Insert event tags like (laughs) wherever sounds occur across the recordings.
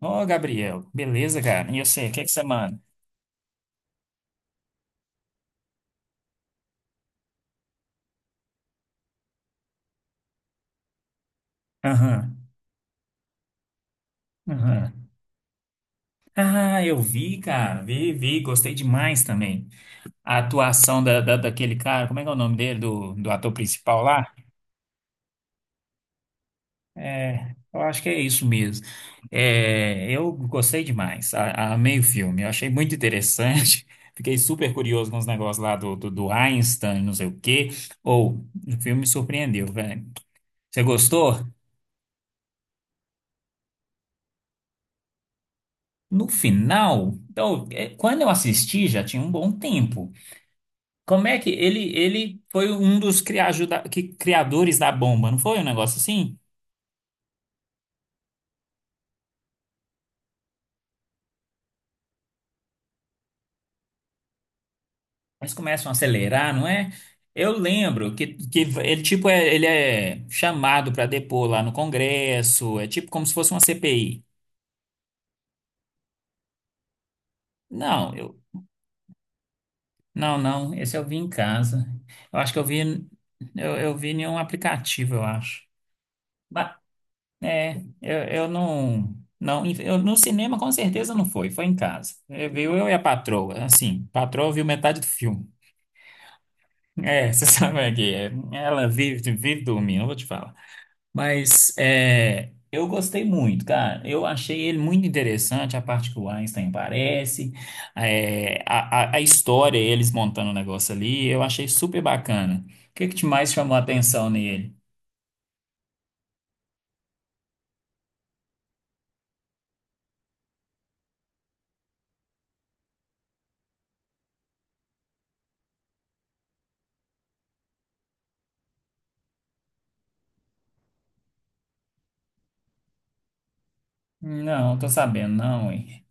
Ô, Gabriel, beleza, cara? E você, o que você manda? Aham, aham. Ah, eu vi, cara, vi, gostei demais também. A atuação da daquele cara, como é que é o nome dele, do ator principal lá? É, eu acho que é isso mesmo. É, eu gostei demais, amei o filme, eu achei muito interessante. (laughs) Fiquei super curioso com os negócios lá do Einstein, não sei o quê. Ou, o filme me surpreendeu, velho. Você gostou? No final, então, quando eu assisti já tinha um bom tempo. Como é que ele foi um dos criadores da bomba, não foi um negócio assim? Eles começam a acelerar, não é? Eu lembro que ele tipo ele é chamado para depor lá no Congresso, é tipo como se fosse uma CPI. Não, esse eu vi em casa. Eu acho que eu vi eu vi em um aplicativo, eu acho. É, eu não, não, eu, no cinema com certeza não foi, foi em casa. É, viu eu e a patroa, assim, a patroa viu metade do filme. É, (laughs) você sabe como é que é. Ela vive dormindo, eu vou te falar. Mas é, eu gostei muito, cara. Eu achei ele muito interessante, a parte que o Einstein aparece, é, a história, eles montando o negócio ali, eu achei super bacana. O que que te mais chamou a atenção nele? Não, tô sabendo, não, hein?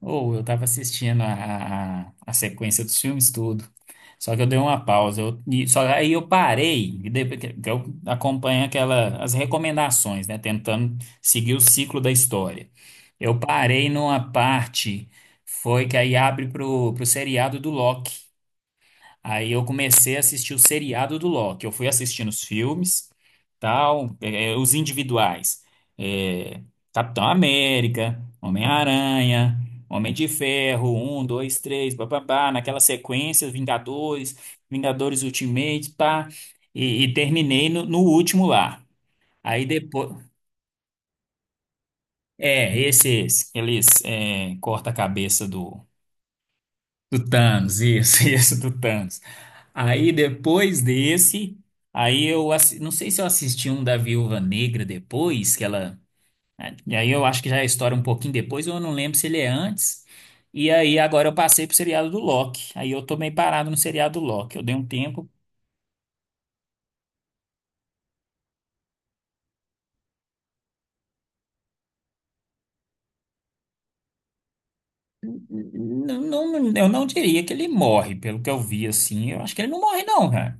Ou eu tava assistindo a sequência dos filmes tudo. Só que eu dei uma pausa. Só aí eu parei, e depois que eu acompanho aquela, as recomendações, né? Tentando seguir o ciclo da história. Eu parei numa parte, foi que aí abre pro seriado do Loki. Aí eu comecei a assistir o seriado do Loki. Eu fui assistindo os filmes, tal, os individuais. É, Capitão América, Homem-Aranha, Homem de Ferro, um, dois, três, papapá, naquela sequência, Vingadores, Vingadores Ultimate, pá, e terminei no último lá. Aí depois. É, esse. Eles corta a cabeça do. Do Thanos, isso, (laughs) isso, do Thanos. Aí depois desse, aí não sei se eu assisti um da Viúva Negra depois, que ela. E aí eu acho que já é a história um pouquinho depois, eu não lembro se ele é antes. E aí agora eu passei pro seriado do Loki. Aí eu tô meio parado no seriado do Loki. Eu dei um tempo. Não, eu não diria que ele morre, pelo que eu vi assim. Eu acho que ele não morre, não, cara.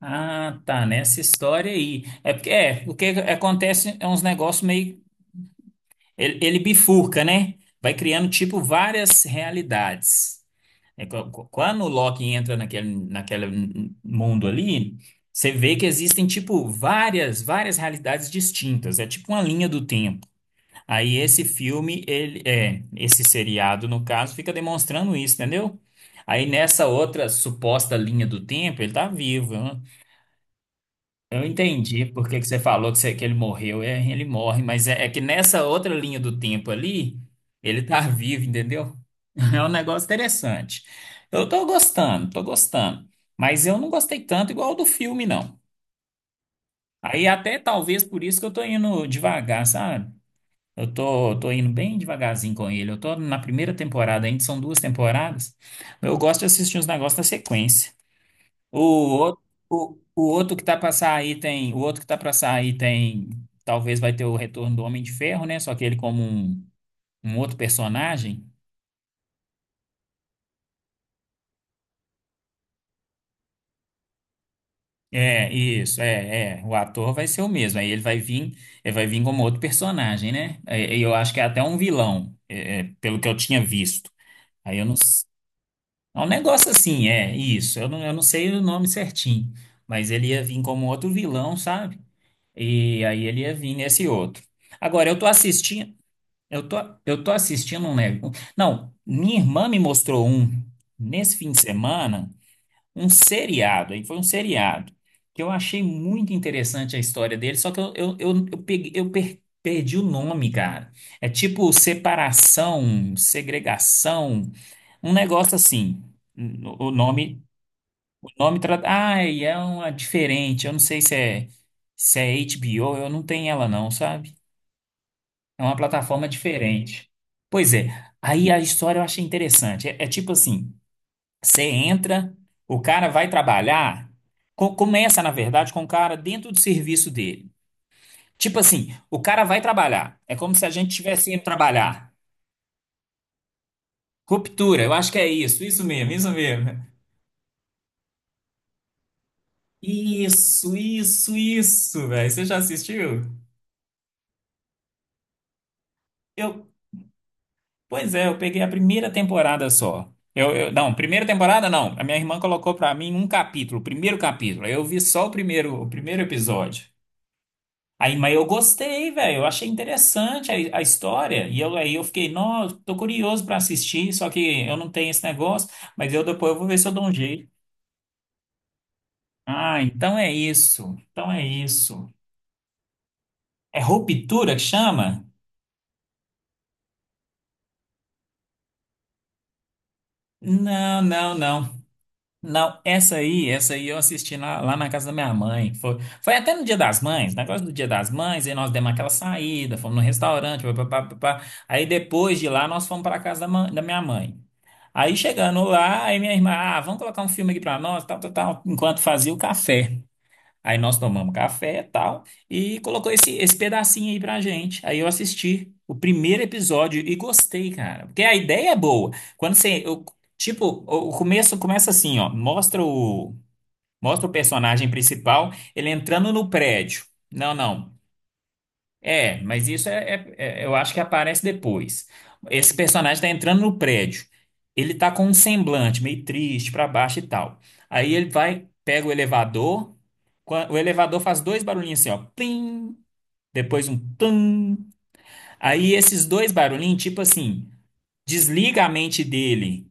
Ah, tá, nessa história aí. É porque é, o que acontece é uns negócios meio. Ele bifurca, né? Vai criando, tipo, várias realidades. É, quando o Loki entra naquele mundo ali, você vê que existem, tipo, várias realidades distintas. É tipo uma linha do tempo. Aí esse filme, ele, é, esse seriado, no caso, fica demonstrando isso, entendeu? Aí nessa outra suposta linha do tempo, ele tá vivo, né? Eu entendi por que que você falou que, que ele morreu. É, ele morre, mas é, é que nessa outra linha do tempo ali, ele tá vivo, entendeu? (laughs) É um negócio interessante. Eu tô gostando. Mas eu não gostei tanto igual do filme, não. Aí até talvez por isso que eu tô indo devagar, sabe? Eu tô indo bem devagarzinho com ele. Eu tô na primeira temporada ainda, são duas temporadas. Eu gosto de assistir uns negócios na sequência. O outro, o outro que tá pra sair tem, o outro que tá pra sair tem, talvez vai ter o retorno do Homem de Ferro, né? Só que ele como um outro personagem. É, isso, é. O ator vai ser o mesmo. Aí ele vai vir como outro personagem, né? É, eu acho que é até um vilão, pelo que eu tinha visto. Aí eu não, s- é um negócio assim, é isso. Eu não sei o nome certinho, mas ele ia vir como outro vilão, sabe? E aí ele ia vir nesse outro. Agora eu tô assistindo. Eu tô, eu tô assistindo um negócio. Não, minha irmã me mostrou um, nesse fim de semana, um seriado. Aí foi um seriado que eu achei muito interessante a história dele, só que eu perdi o nome, cara. É tipo separação, segregação, um negócio assim. O nome, o nome trata. Ai, é uma diferente. Eu não sei se é HBO, eu não tenho ela, não, sabe? É uma plataforma diferente. Pois é, aí a história eu achei interessante. É, é tipo assim, você entra, o cara vai trabalhar, começa, na verdade, com o cara dentro do serviço dele. Tipo assim, o cara vai trabalhar. É como se a gente tivesse indo trabalhar. Ruptura, eu acho que é isso, isso mesmo. Isso, velho. Você já assistiu? Eu, Pois é, eu peguei a primeira temporada só. Não, primeira temporada não. A minha irmã colocou pra mim um capítulo, o primeiro capítulo. Aí eu vi só o primeiro episódio. Aí, mas eu gostei, velho. Eu achei interessante a história. Aí eu fiquei, nossa, tô curioso pra assistir, só que eu não tenho esse negócio. Mas eu depois eu vou ver se eu dou um jeito. Ah, então é isso. Então é isso. É ruptura que chama? Não, não, não. Não, essa aí eu assisti lá na casa da minha mãe. Foi até no Dia das Mães, negócio do Dia das Mães, aí nós demos aquela saída, fomos no restaurante, pá, pá, pá, pá, pá. Aí depois de lá nós fomos para a casa da, da minha mãe. Aí chegando lá, aí minha irmã, ah, vamos colocar um filme aqui para nós, tal, tal, tal, enquanto fazia o café. Aí nós tomamos café e tal, e colocou esse pedacinho aí pra gente. Aí eu assisti o primeiro episódio e gostei, cara. Porque a ideia é boa. Quando você. Tipo, o começo começa assim, ó. Mostra o, mostra o personagem principal, ele entrando no prédio. Não, não. É, mas isso eu acho que aparece depois. Esse personagem tá entrando no prédio. Ele tá com um semblante meio triste pra baixo e tal. Aí ele vai, pega o elevador. O elevador faz dois barulhinhos assim, ó, plim, depois um tum. Aí esses dois barulhinhos, tipo assim, desliga a mente dele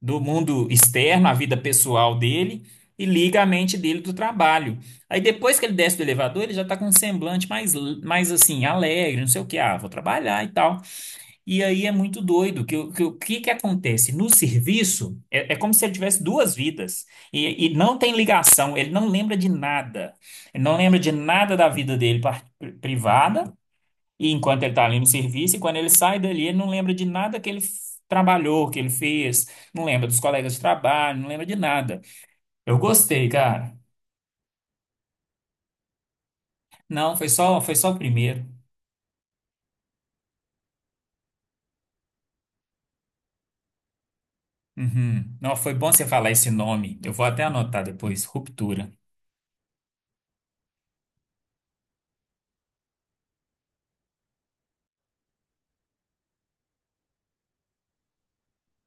do mundo externo, a vida pessoal dele, e liga a mente dele do trabalho. Aí depois que ele desce do elevador, ele já está com um semblante mais, mais assim, alegre, não sei o que, ah, vou trabalhar e tal. E aí é muito doido, que, o que que acontece? No serviço, é como se ele tivesse duas vidas, e não tem ligação, ele não lembra de nada, ele não lembra de nada da vida dele privada, e enquanto ele está ali no serviço, e quando ele sai dali, ele não lembra de nada que trabalhou, que ele fez, não lembra dos colegas de trabalho, não lembra de nada. Eu gostei, cara. Não, foi só o primeiro. Uhum. Não, foi bom você falar esse nome. Eu vou até anotar depois. Ruptura.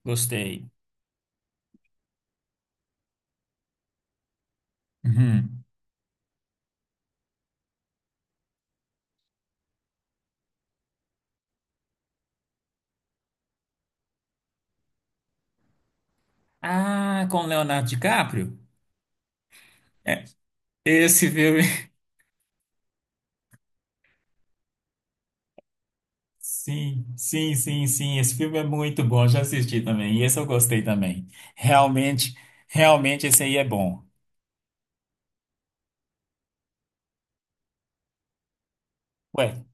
Gostei. Uhum. Ah, com Leonardo DiCaprio? É, esse filme. (laughs) Sim, sim, sim, sim. Esse filme é muito bom. Já assisti também. E esse eu gostei também. Realmente, realmente esse aí é bom. Ué,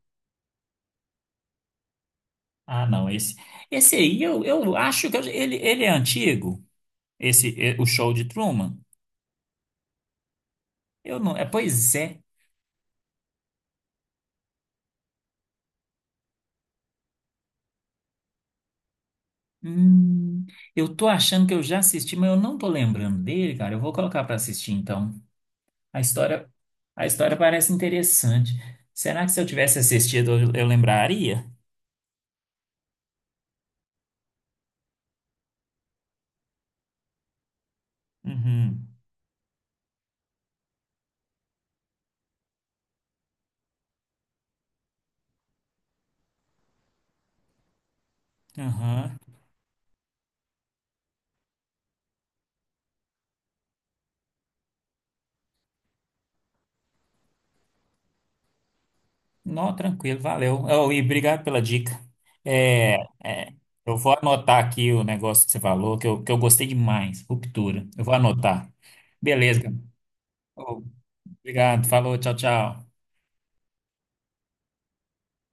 ah, não, esse aí eu acho que ele, ele é antigo, esse é, o show de Truman. Eu não, é, pois é. Hum, eu tô achando que eu já assisti, mas eu não tô lembrando dele, cara. Eu vou colocar pra assistir então. A história, a história parece interessante. Será que se eu tivesse assistido eu lembraria? Uhum. Aham. Não, tranquilo, valeu. Oh, e obrigado pela dica. É, é, eu vou anotar aqui o negócio que você falou, que eu gostei demais. Ruptura. Eu vou anotar. Beleza. Ô, obrigado. Falou, tchau, tchau.